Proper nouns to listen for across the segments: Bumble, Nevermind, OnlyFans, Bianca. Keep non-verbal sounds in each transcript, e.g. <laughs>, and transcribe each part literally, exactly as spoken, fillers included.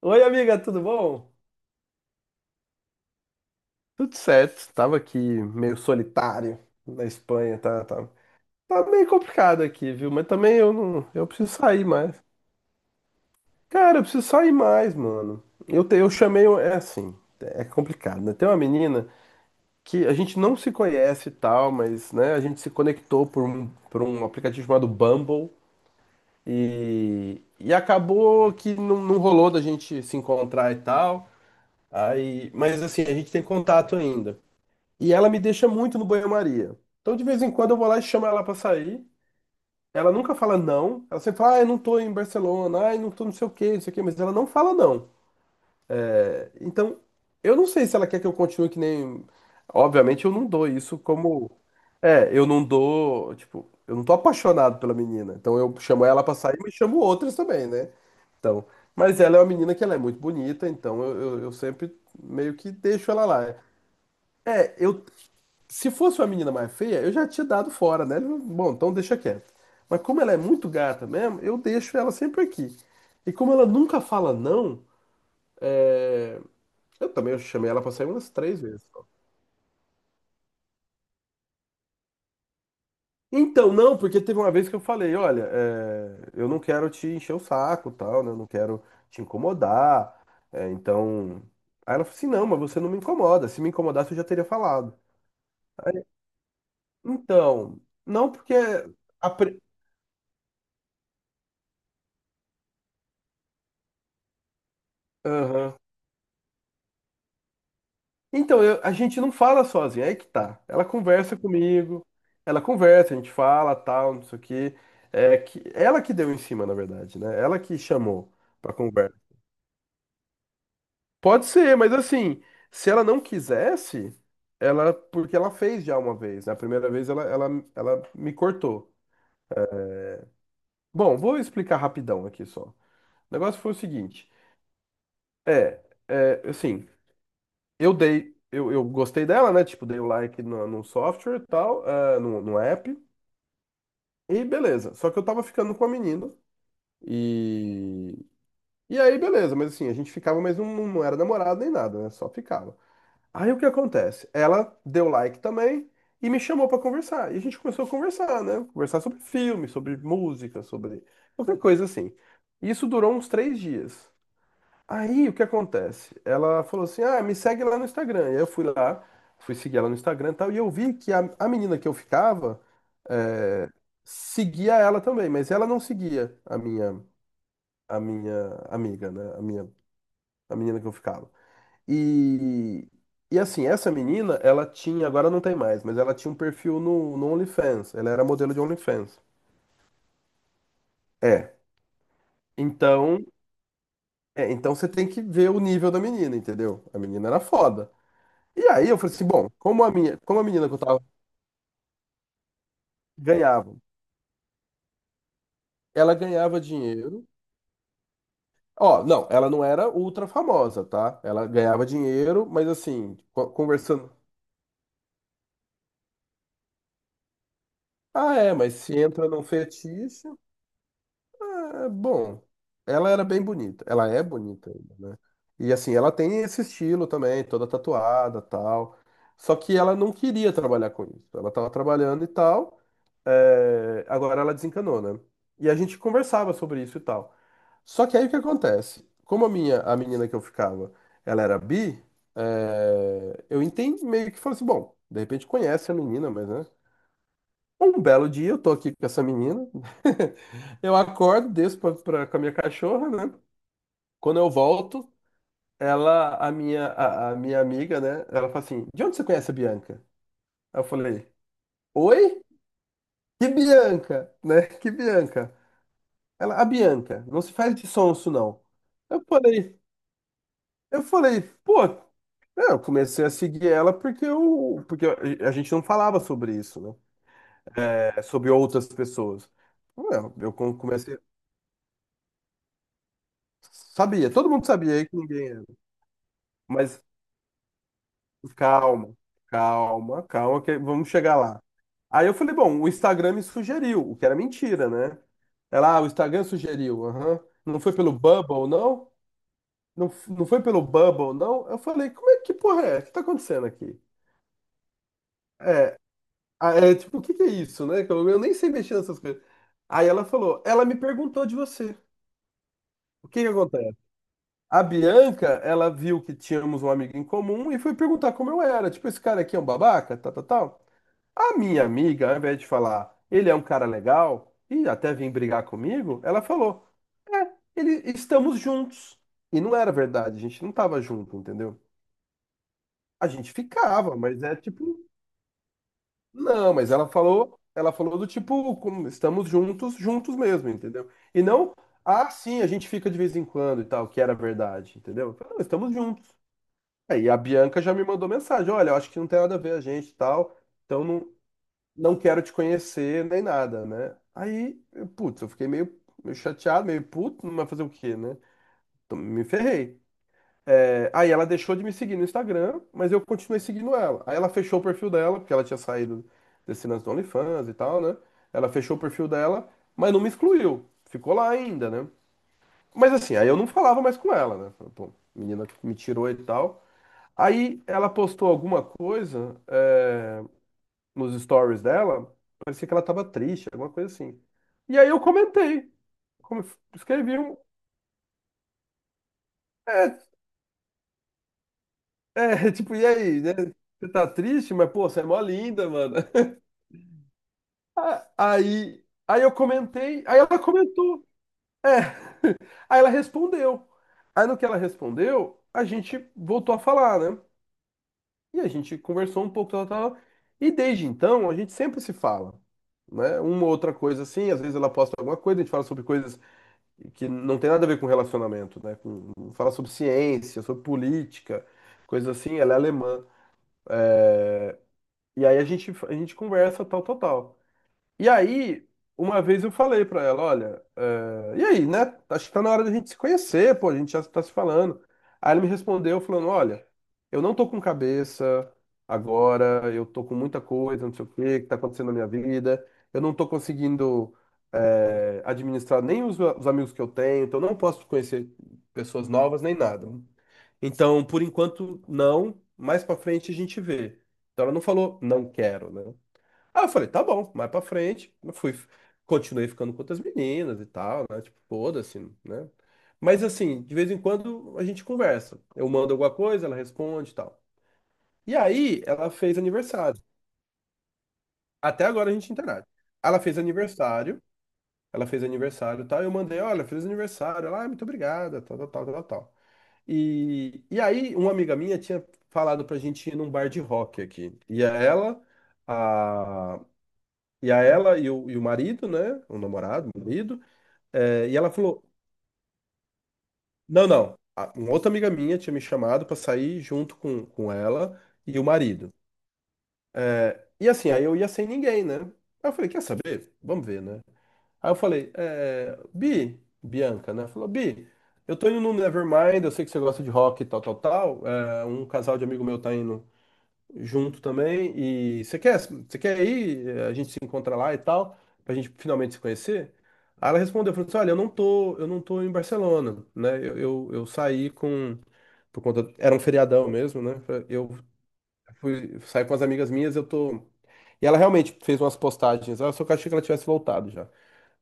Oi, amiga, tudo bom? Tudo certo, tava aqui meio solitário na Espanha, tá, tá, tá meio complicado aqui, viu? Mas também eu não, eu preciso sair mais. Cara, eu preciso sair mais, mano. Eu, te- eu chamei, um, é assim, é complicado, né? Tem uma menina que a gente não se conhece e tal, mas, né, a gente se conectou por um, por um aplicativo chamado Bumble e, e acabou que não, não rolou da gente se encontrar e tal. Aí, mas assim, a gente tem contato ainda. E ela me deixa muito no banho-maria. Então, de vez em quando, eu vou lá e chamo ela pra sair. Ela nunca fala não. Ela sempre fala, ah, eu não tô em Barcelona, ai, não tô não sei o quê, não sei o quê, mas ela não fala não. É, então, eu não sei se ela quer que eu continue que nem. Obviamente, eu não dou isso como. É, eu não dou. Tipo, eu não tô apaixonado pela menina. Então, eu chamo ela pra sair, mas chamo outras também, né? Então, mas ela é uma menina que ela é muito bonita, então eu, eu eu sempre meio que deixo ela lá. É, eu, se fosse uma menina mais feia, eu já tinha dado fora, né? Bom, então deixa quieto. Mas como ela é muito gata mesmo, eu deixo ela sempre aqui. E como ela nunca fala não, é, eu também chamei ela pra sair umas três vezes. Só. Então, não, porque teve uma vez que eu falei, olha, é, eu não quero te encher o saco, tal, né? Eu não quero te incomodar. É, então. Aí ela falou assim, não, mas você não me incomoda. Se me incomodasse, eu já teria falado. Então, não porque. a pri- Aham. Então, eu- a gente não fala sozinho, é aí que tá. Ela conversa comigo, ela conversa, a gente fala, tal, não sei o quê. É que ela que deu em cima, na verdade, né? Ela que chamou pra conversa. Pode ser, mas assim, se ela não quisesse, ela, porque ela fez já uma vez, né? A primeira vez ela, ela, ela me cortou. Bom, vou explicar rapidão aqui só. O negócio foi o seguinte, é, é assim, eu dei, eu, eu gostei dela, né? Tipo, dei o like no, no software e tal, ah, no, no app. E beleza. Só que eu tava ficando com a menina. E. E aí, beleza. Mas assim, a gente ficava, mas não, não era namorado nem nada, né? Só ficava. Aí o que acontece? Ela deu like também e me chamou pra conversar. E a gente começou a conversar, né? Conversar sobre filme, sobre música, sobre qualquer coisa assim. Isso durou uns três dias. Aí o que acontece? Ela falou assim: ah, me segue lá no Instagram. E aí eu fui lá, fui seguir ela no Instagram e tal. E eu vi que a, a menina que eu ficava é, seguia ela também, mas ela não seguia a minha, a minha amiga, né? A minha, a menina que eu ficava. E, e assim, essa menina, ela tinha, agora não tem mais, mas ela tinha um perfil no, no OnlyFans. Ela era modelo de OnlyFans. É. Então, é, então você tem que ver o nível da menina, entendeu? A menina era foda. E aí eu falei assim, bom, como a minha, como a menina que eu tava ganhava, ela ganhava dinheiro. Ó, não, ela não era ultra famosa, tá? Ela ganhava dinheiro, mas assim, co- conversando. Ah, é, mas se entra num fetiche, é bom. Ela era bem bonita. Ela é bonita ainda, né? E assim, ela tem esse estilo também, toda tatuada, tal. Só que ela não queria trabalhar com isso. Ela tava trabalhando e tal. É, agora ela desencanou, né? E a gente conversava sobre isso e tal. Só que aí o que acontece? Como a minha, a menina que eu ficava, ela era bi, é, eu entendi meio que falei assim, bom, de repente conhece a menina, mas né? Um belo dia eu tô aqui com essa menina, <laughs> eu acordo, desço pra, pra- com a minha cachorra, né? Quando eu volto, ela, a minha, a, a minha amiga, né? Ela fala assim, de onde você conhece a Bianca? Aí eu falei, oi? Que Bianca, né? <laughs> Que Bianca? Ela, a Bianca, não se faz de sonso, não. Eu falei, eu falei, pô. É, eu comecei a seguir ela porque, eu, porque a gente não falava sobre isso, né? É, sobre outras pessoas. Eu, eu com- comecei. Sabia, todo mundo sabia aí que ninguém era. Mas calma, calma, calma, que vamos chegar lá. Aí eu falei, bom, o Instagram me sugeriu, o que era mentira, né? Ela, ah, o Instagram sugeriu, aham. Não foi pelo Bubble, não? Não, f- não foi pelo Bubble, não? Eu falei, como é que porra é? O que tá acontecendo aqui? Ah, é tipo, o que que é isso, né? Que Eu, eu nem sei mexer nessas coisas. Aí ela falou, ela me perguntou de você. O que que acontece? A Bianca, ela viu que tínhamos um amigo em comum e foi perguntar como eu era. Tipo, esse cara aqui é um babaca, tal, tal, tal. A minha amiga, ao invés de falar, ele é um cara legal e até vem brigar comigo, ela falou, é, ele, estamos juntos. E não era verdade, a gente não tava junto, entendeu? A gente ficava, mas é tipo. Não, mas ela falou, ela falou do tipo, como estamos juntos, juntos mesmo, entendeu? E não, ah, sim, a gente fica de vez em quando e tal, que era verdade, entendeu? Eu falei, não, estamos juntos. Aí a Bianca já me mandou mensagem, olha, eu acho que não tem nada a ver a gente e tal, então não, não quero te conhecer nem nada, né? Aí, eu, putz, eu fiquei meio, meio chateado, meio puto, não vai fazer o quê, né? Então, me ferrei. É, aí ela deixou de me seguir no Instagram, mas eu continuei seguindo ela. Aí ela fechou o perfil dela, porque ela tinha saído desse lance do OnlyFans e tal, né? Ela fechou o perfil dela, mas não me excluiu. Ficou lá ainda, né? Mas assim, aí eu não falava mais com ela, né? Falei, pô, menina me tirou e tal. Aí ela postou alguma coisa, é, nos stories dela, parecia que ela tava triste, alguma coisa assim. E aí eu comentei, como- escrevi um. É, é, <laughs> tipo, e aí, né? Você tá triste, mas pô, você é mó linda, mano. <laughs> Ah, aí, aí eu comentei, aí ela comentou. É. <laughs> Aí ela respondeu. Aí no que ela respondeu, a gente voltou a falar, né? E a gente conversou um pouco, tal, tal. E desde então, a gente sempre se fala, né? Uma ou outra coisa assim, às vezes ela posta alguma coisa, a gente fala sobre coisas que não tem nada a ver com relacionamento, né? Com- fala sobre ciência, sobre política, coisa assim, ela é alemã. E aí a gente, a gente conversa, tal, tal, tal. E aí, uma vez eu falei pra ela, olha, eh, e aí, né? Acho que tá na hora da gente se conhecer, pô, a gente já tá se falando. Aí ela me respondeu falando, olha, eu não tô com cabeça agora, eu tô com muita coisa, não sei o que, que tá acontecendo na minha vida, eu não tô conseguindo, eh, administrar nem os, os amigos que eu tenho, então eu não posso conhecer pessoas novas nem nada. Então, por enquanto, não. Mais pra frente a gente vê. Então ela não falou, não quero, né? Ah, eu falei, tá bom, mais pra frente. Eu fui, continuei ficando com outras meninas e tal, né? Tipo, foda-se, né? Mas assim, de vez em quando a gente conversa. Eu mando alguma coisa, ela responde e tal. E aí, ela fez aniversário. Até agora a gente interage. Ela fez aniversário, ela fez aniversário e tal. Eu mandei, olha, fez aniversário. Ela, ah, muito obrigada, tal, tal, tal, tal, tal. E, e aí, uma amiga minha tinha falado pra gente ir num bar de rock aqui. E a ela, a, e a ela e o, e o marido, né? O namorado, o marido. É, e ela falou: não, não. A- Uma outra amiga minha tinha me chamado pra sair junto com, com ela e o marido. E assim, aí eu ia sem ninguém, né? Aí eu falei: quer saber? Vamos ver, né? Aí eu falei: é, Bi, Bianca, né? Falou: Bi. Eu tô indo no Nevermind, eu sei que você gosta de rock e tal, tal, tal. É, um casal de amigo meu tá indo junto também. E você quer, você quer ir? eh, A gente se encontra lá e tal, pra gente finalmente se conhecer. Aí ela respondeu, falou assim, olha, eu não tô, eu não tô em Barcelona, né? Eu, eu, eu saí com, por conta, era um feriadão mesmo, né? Eu fui, saí com as amigas minhas, eu tô... E ela realmente fez umas postagens, "Ah, eu só que eu achei que ela tivesse voltado já.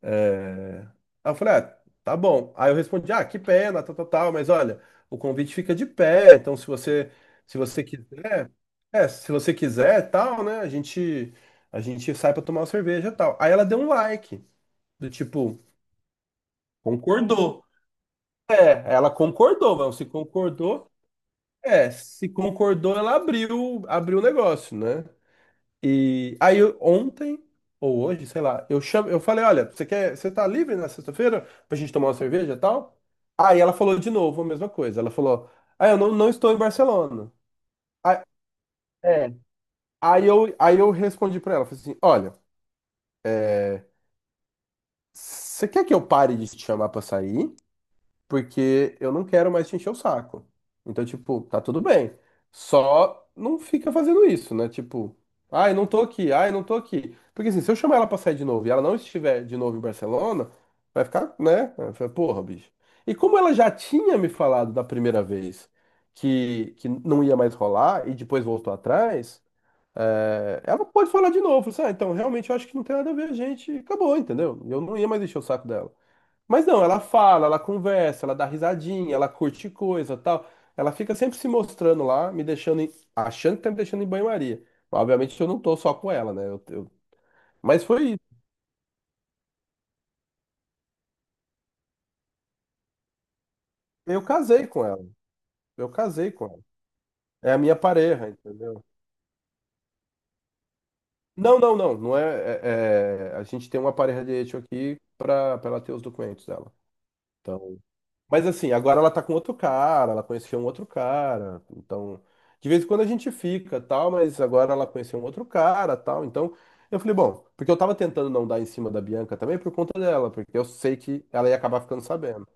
É, Aí eu falei, ah, tá bom. Aí eu respondi, ah, que pena, tal, tal, tal, mas olha, o convite fica de pé, então se você, se você quiser, é, se você quiser, tal, né, a gente, a gente sai pra tomar uma cerveja, tal. Aí ela deu um like, do tipo, concordou. É, ela concordou, mas se concordou, é, se concordou, ela abriu, abriu o negócio, né? E aí eu- ontem ou hoje, sei lá, eu chamo, eu falei, olha, você quer, você tá livre na sexta-feira pra gente tomar uma cerveja e tal? Aí ela falou de novo a mesma coisa. Ela falou: "Ah, eu não, não estou em Barcelona". Aí, É. aí eu aí eu respondi pra ela, falei assim: "Olha, é, você quer que eu pare de te chamar pra sair? Porque eu não quero mais te encher o saco. Então, tipo, tá tudo bem. Só não fica fazendo isso, né? Tipo, ai, não tô aqui, ai, não tô aqui. Porque assim, se eu chamar ela pra sair de novo e ela não estiver de novo em Barcelona, vai ficar, né? Vai ficar, porra, bicho. E como ela já tinha me falado da primeira vez que, que não ia mais rolar e depois voltou atrás, é, ela pode falar de novo. Assim, ah, então, realmente eu acho que não tem nada a ver a gente. Acabou, entendeu? Eu não ia mais encher o saco dela. Mas não, ela fala, ela conversa, ela dá risadinha, ela curte coisa, tal. Ela fica sempre se mostrando lá, me deixando, em- achando que tá me deixando em banho-maria. Obviamente eu não tô só com ela, né? Eu, eu- Mas foi isso. Eu casei com ela. Eu casei com ela. É a minha pareja, entendeu? Não, não, não. Não é, é- é- A gente tem uma pareja de hecho aqui pra, pra ela ter os documentos dela. Então. Mas assim, agora ela tá com outro cara, ela conheceu um outro cara, então de vez em quando a gente fica, tal, mas agora ela conheceu um outro cara, tal, então eu falei, bom, porque eu tava tentando não dar em cima da Bianca também por conta dela, porque eu sei que ela ia acabar ficando sabendo.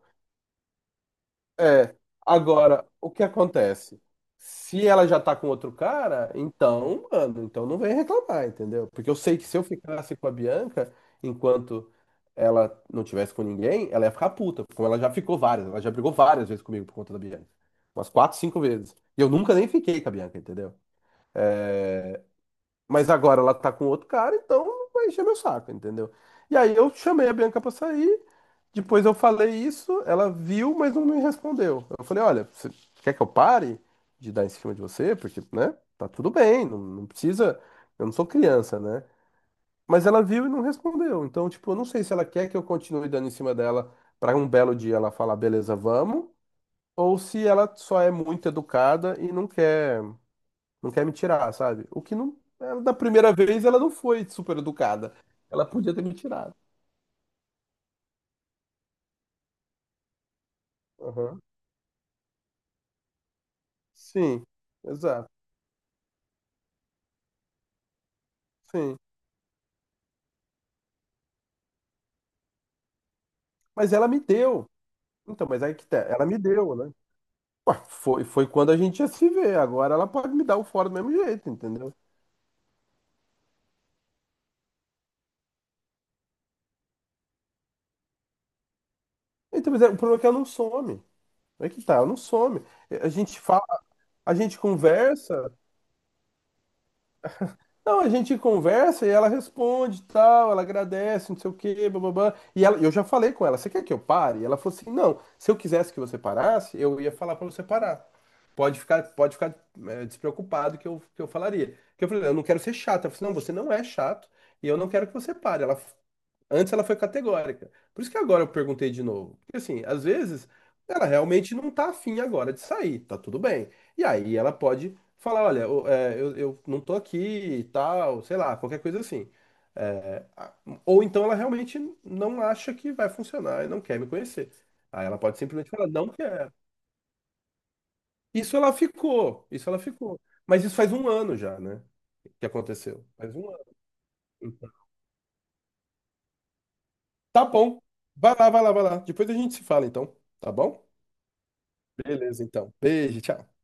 É, agora, o que acontece? Se ela já tá com outro cara, então, mano, então não vem reclamar, entendeu? Porque eu sei que se eu ficasse com a Bianca enquanto ela não tivesse com ninguém, ela ia ficar puta, como ela já ficou várias, ela já brigou várias vezes comigo por conta da Bianca. Umas quatro, cinco vezes. E eu nunca nem fiquei com a Bianca, entendeu? Mas agora ela tá com outro cara, então vai encher meu saco, entendeu? E aí eu chamei a Bianca pra sair, depois eu falei isso, ela viu, mas não me respondeu. Eu falei, olha, você quer que eu pare de dar em cima de você? Porque, né, tá tudo bem, não, não precisa, eu não sou criança, né? Mas ela viu e não respondeu. Então, tipo, eu não sei se ela quer que eu continue dando em cima dela para um belo dia ela falar, beleza, vamos, ou se ela só é muito educada e não quer, não quer me tirar, sabe? O que não, ela, da primeira vez ela não foi super educada. Ela podia ter me tirado. Aham. Sim, exato. Sim. Mas ela me deu. Então, mas aí que tá, ela me deu, né? Ué, foi, foi quando a gente ia se ver. Agora ela pode me dar o fora do mesmo jeito, entendeu? Então, mas é- o problema é que ela não some. É que tá, não some. A gente fala, a gente conversa. Não, a gente conversa e ela responde, tal, ela agradece, não sei o quê, bababá. E ela, eu já falei com ela, você quer que eu pare? E ela falou assim, não, se eu quisesse que você parasse, eu ia falar pra você parar. Pode ficar, pode ficar é, despreocupado que eu, que eu falaria. Porque eu falei, eu não quero ser chato. Ela falou, assim, não, você não é chato e eu não quero que você pare. Ela, antes ela foi categórica. Por isso que agora eu perguntei de novo. Porque assim, às vezes ela realmente não tá afim agora de sair, tá tudo bem. E aí ela pode falar, olha, o- é, eu, eu não tô aqui e tal, sei lá, qualquer coisa assim. É, a- ou então ela realmente não acha que vai funcionar e não quer me conhecer. Aí ela pode simplesmente falar, não quero. Isso ela ficou, isso ela ficou. Mas isso faz um ano já, né? Que aconteceu. Faz um ano. Então, tá bom. Vai lá, vai lá, vai lá. Depois a gente se fala, então. Tá bom? Beleza, então. Beijo, tchau.